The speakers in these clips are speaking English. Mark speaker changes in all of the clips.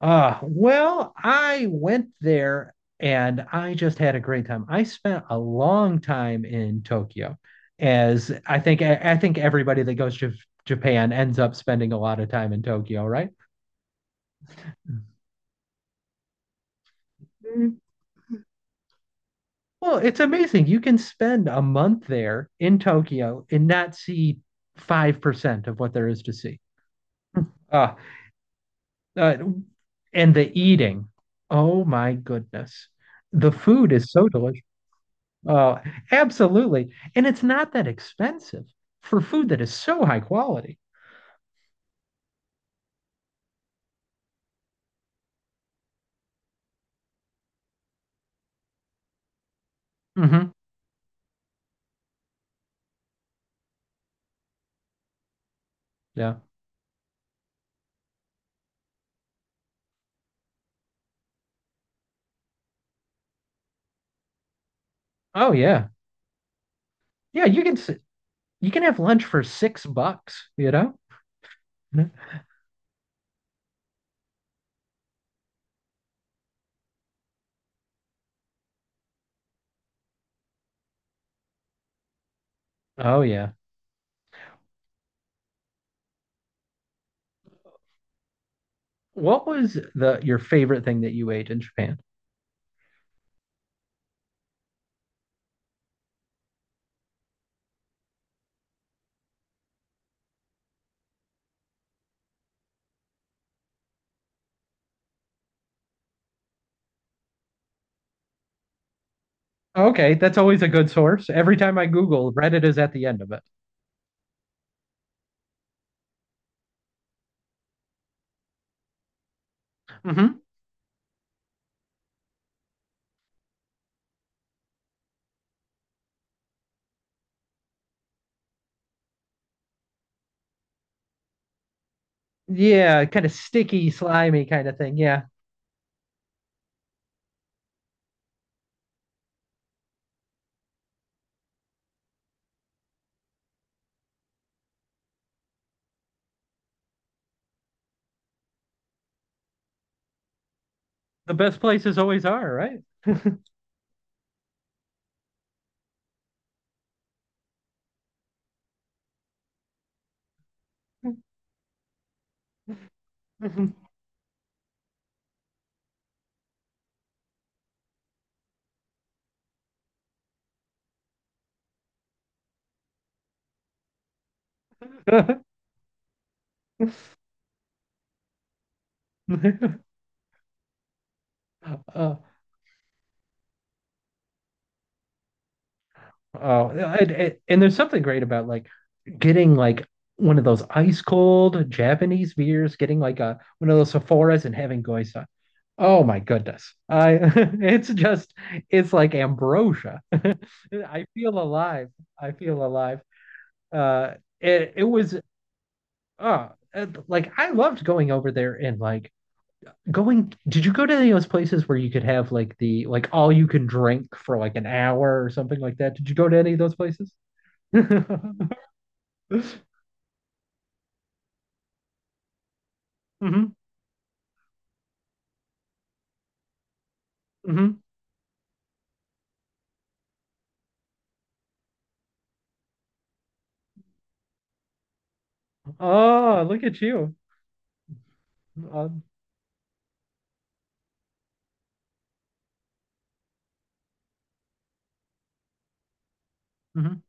Speaker 1: I went there and I just had a great time. I spent a long time in Tokyo, as I think I think everybody that goes to Japan ends up spending a lot of time in Tokyo, right? Mm. Well, it's amazing. You can spend a month there in Tokyo and not see 5% of what there is to see. Uh, uh, and the eating. Oh my goodness. The food is so delicious. Oh, absolutely. And it's not that expensive for food that is so high quality. Hmm Yeah. Oh yeah. Yeah, you can you can have lunch for six bucks? Mhm. Oh yeah. What was the your favorite thing that you ate in Japan? Okay, that's always a good source. Every time I Google, Reddit is at the end of it. Hmm Yeah, kind of sticky, slimy kind of thing. Yeah. The best places always are, right? Uh, oh, and there's something great about like getting like one of those ice cold Japanese beers, getting like a one of those Sephoras and having goisa. Oh my goodness. I it's just it's like ambrosia. I feel alive. I feel alive. Uh it was uh like I loved going over there, and like going did you go to any of those places where you could have like the like all you can drink for like an hour or something like that? Did you go to any of those places? Mm-hmm. Mm-hmm. Oh, look at you. Um, mhm.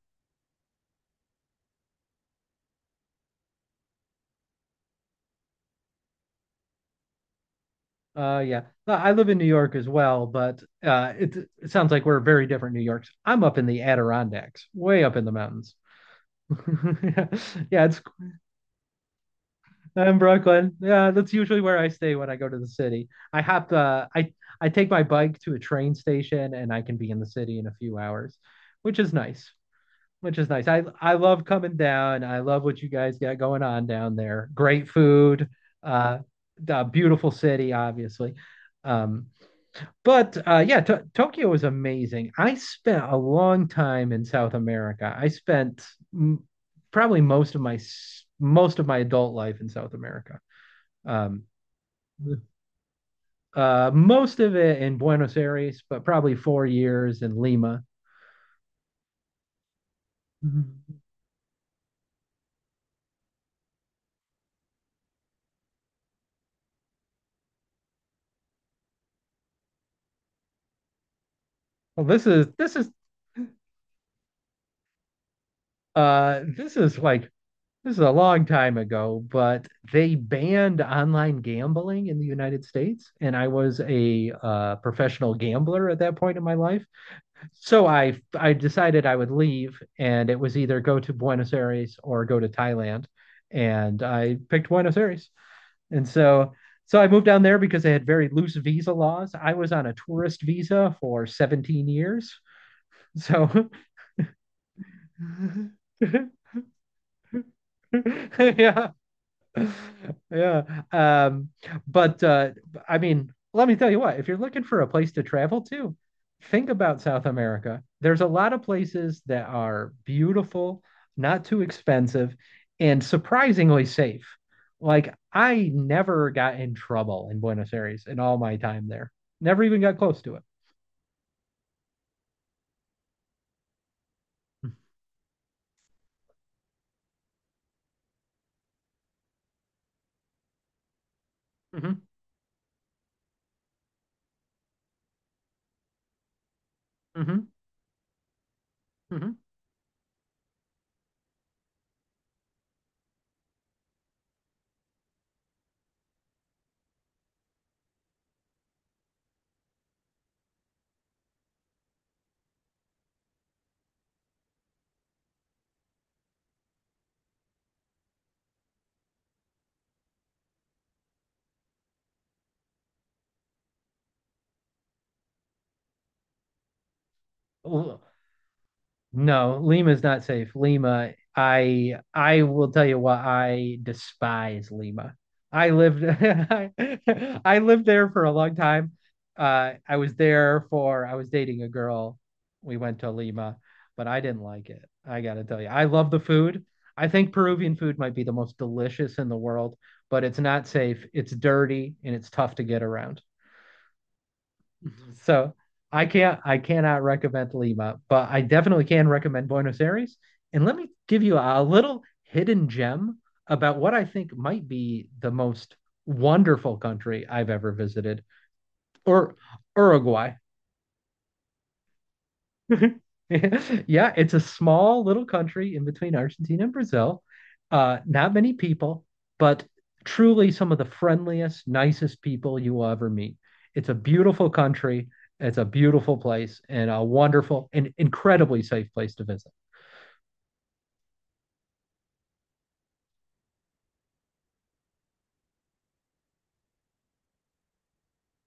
Speaker 1: Yeah. No, I live in New York as well, but it sounds like we're very different New Yorks. I'm up in the Adirondacks, way up in the mountains. Yeah, yeah, it's I'm Brooklyn. Yeah, that's usually where I stay when I go to the city. I hop I take my bike to a train station and I can be in the city in a few hours, which is nice. Which is nice. I love coming down. I love what you guys got going on down there. Great food, uh, the beautiful city, obviously. Um, but yeah, Tokyo is amazing. I spent a long time in South America. I spent m- probably most of my adult life in South America. Um, most of it in Buenos Aires, but probably 4 years in Lima. Well, this is this is this is like this is a long time ago, but they banned online gambling in the United States, and I was a professional gambler at that point in my life. So I decided I would leave, and it was either go to Buenos Aires or go to Thailand, and I picked Buenos Aires, and so. So I moved down there because they had very loose visa laws. I was on a tourist visa for 17 years. So yeah, yeah. Um, but I mean, let me tell you what, if you're looking for a place to travel to, think about South America. There's a lot of places that are beautiful, not too expensive, and surprisingly safe. Like, I never got in trouble in Buenos Aires in all my time there. Never even got close to it. Hmm hmm hmm No, Lima is not safe. Lima, I will tell you why I despise Lima. I lived I lived there for a long time. I was there for I was dating a girl. We went to Lima, but I didn't like it. I gotta tell you, I love the food. I think Peruvian food might be the most delicious in the world, but it's not safe. It's dirty and it's tough to get around. So I cannot recommend Lima, but I definitely can recommend Buenos Aires. And let me give you a little hidden gem about what I think might be the most wonderful country I've ever visited, or Uruguay. Yeah, it's a small little country in between Argentina and Brazil. Not many people, but truly some of the friendliest, nicest people you will ever meet. It's a beautiful country. It's a beautiful place and a wonderful and incredibly safe place to visit.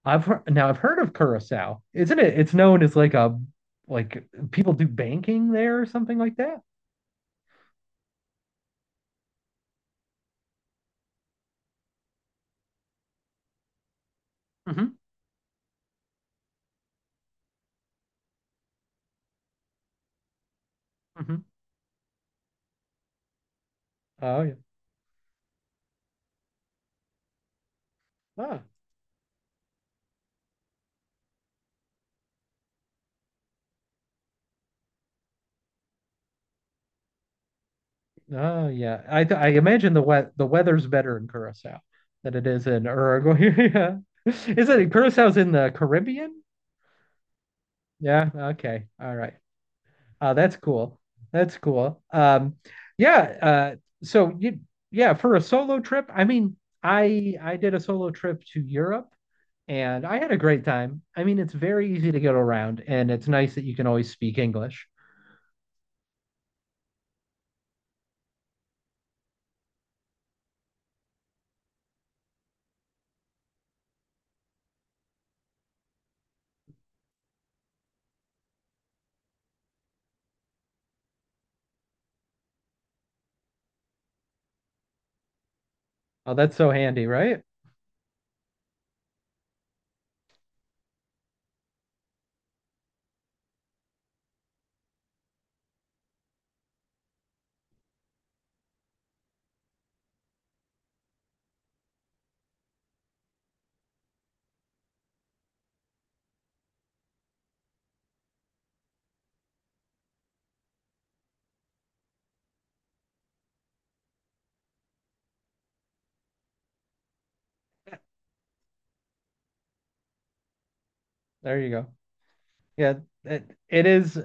Speaker 1: Now I've heard of Curacao, isn't it? It's known as like a like people do banking there or something like that. Hmm hmm Oh yeah. Ah. Oh yeah, I imagine the weather's better in Curacao than it is in Uruguay. Yeah, is it Curacao's in the Caribbean? Yeah. Okay. All right. That's cool. That's cool. Yeah. So you yeah, for a solo trip. I mean, I did a solo trip to Europe and I had a great time. I mean, it's very easy to get around, and it's nice that you can always speak English. Oh, that's so handy, right? There you go. Yeah, it is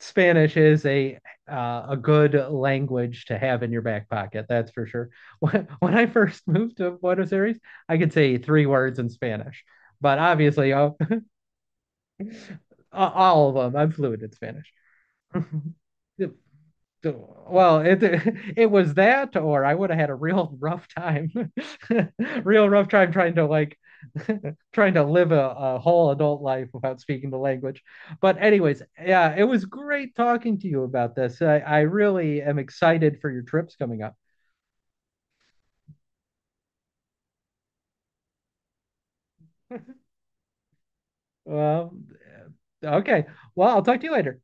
Speaker 1: Spanish is a good language to have in your back pocket. That's for sure. When I first moved to Buenos Aires, I could say 3 words in Spanish, but obviously all of them, I'm fluent in Spanish. Well, it was that, or I would have had a real rough time, real rough time trying to like trying to live a whole adult life without speaking the language. But anyways, yeah, it was great talking to you about this. I really am excited for your trips coming up. Well, okay. Well, I'll talk to you later.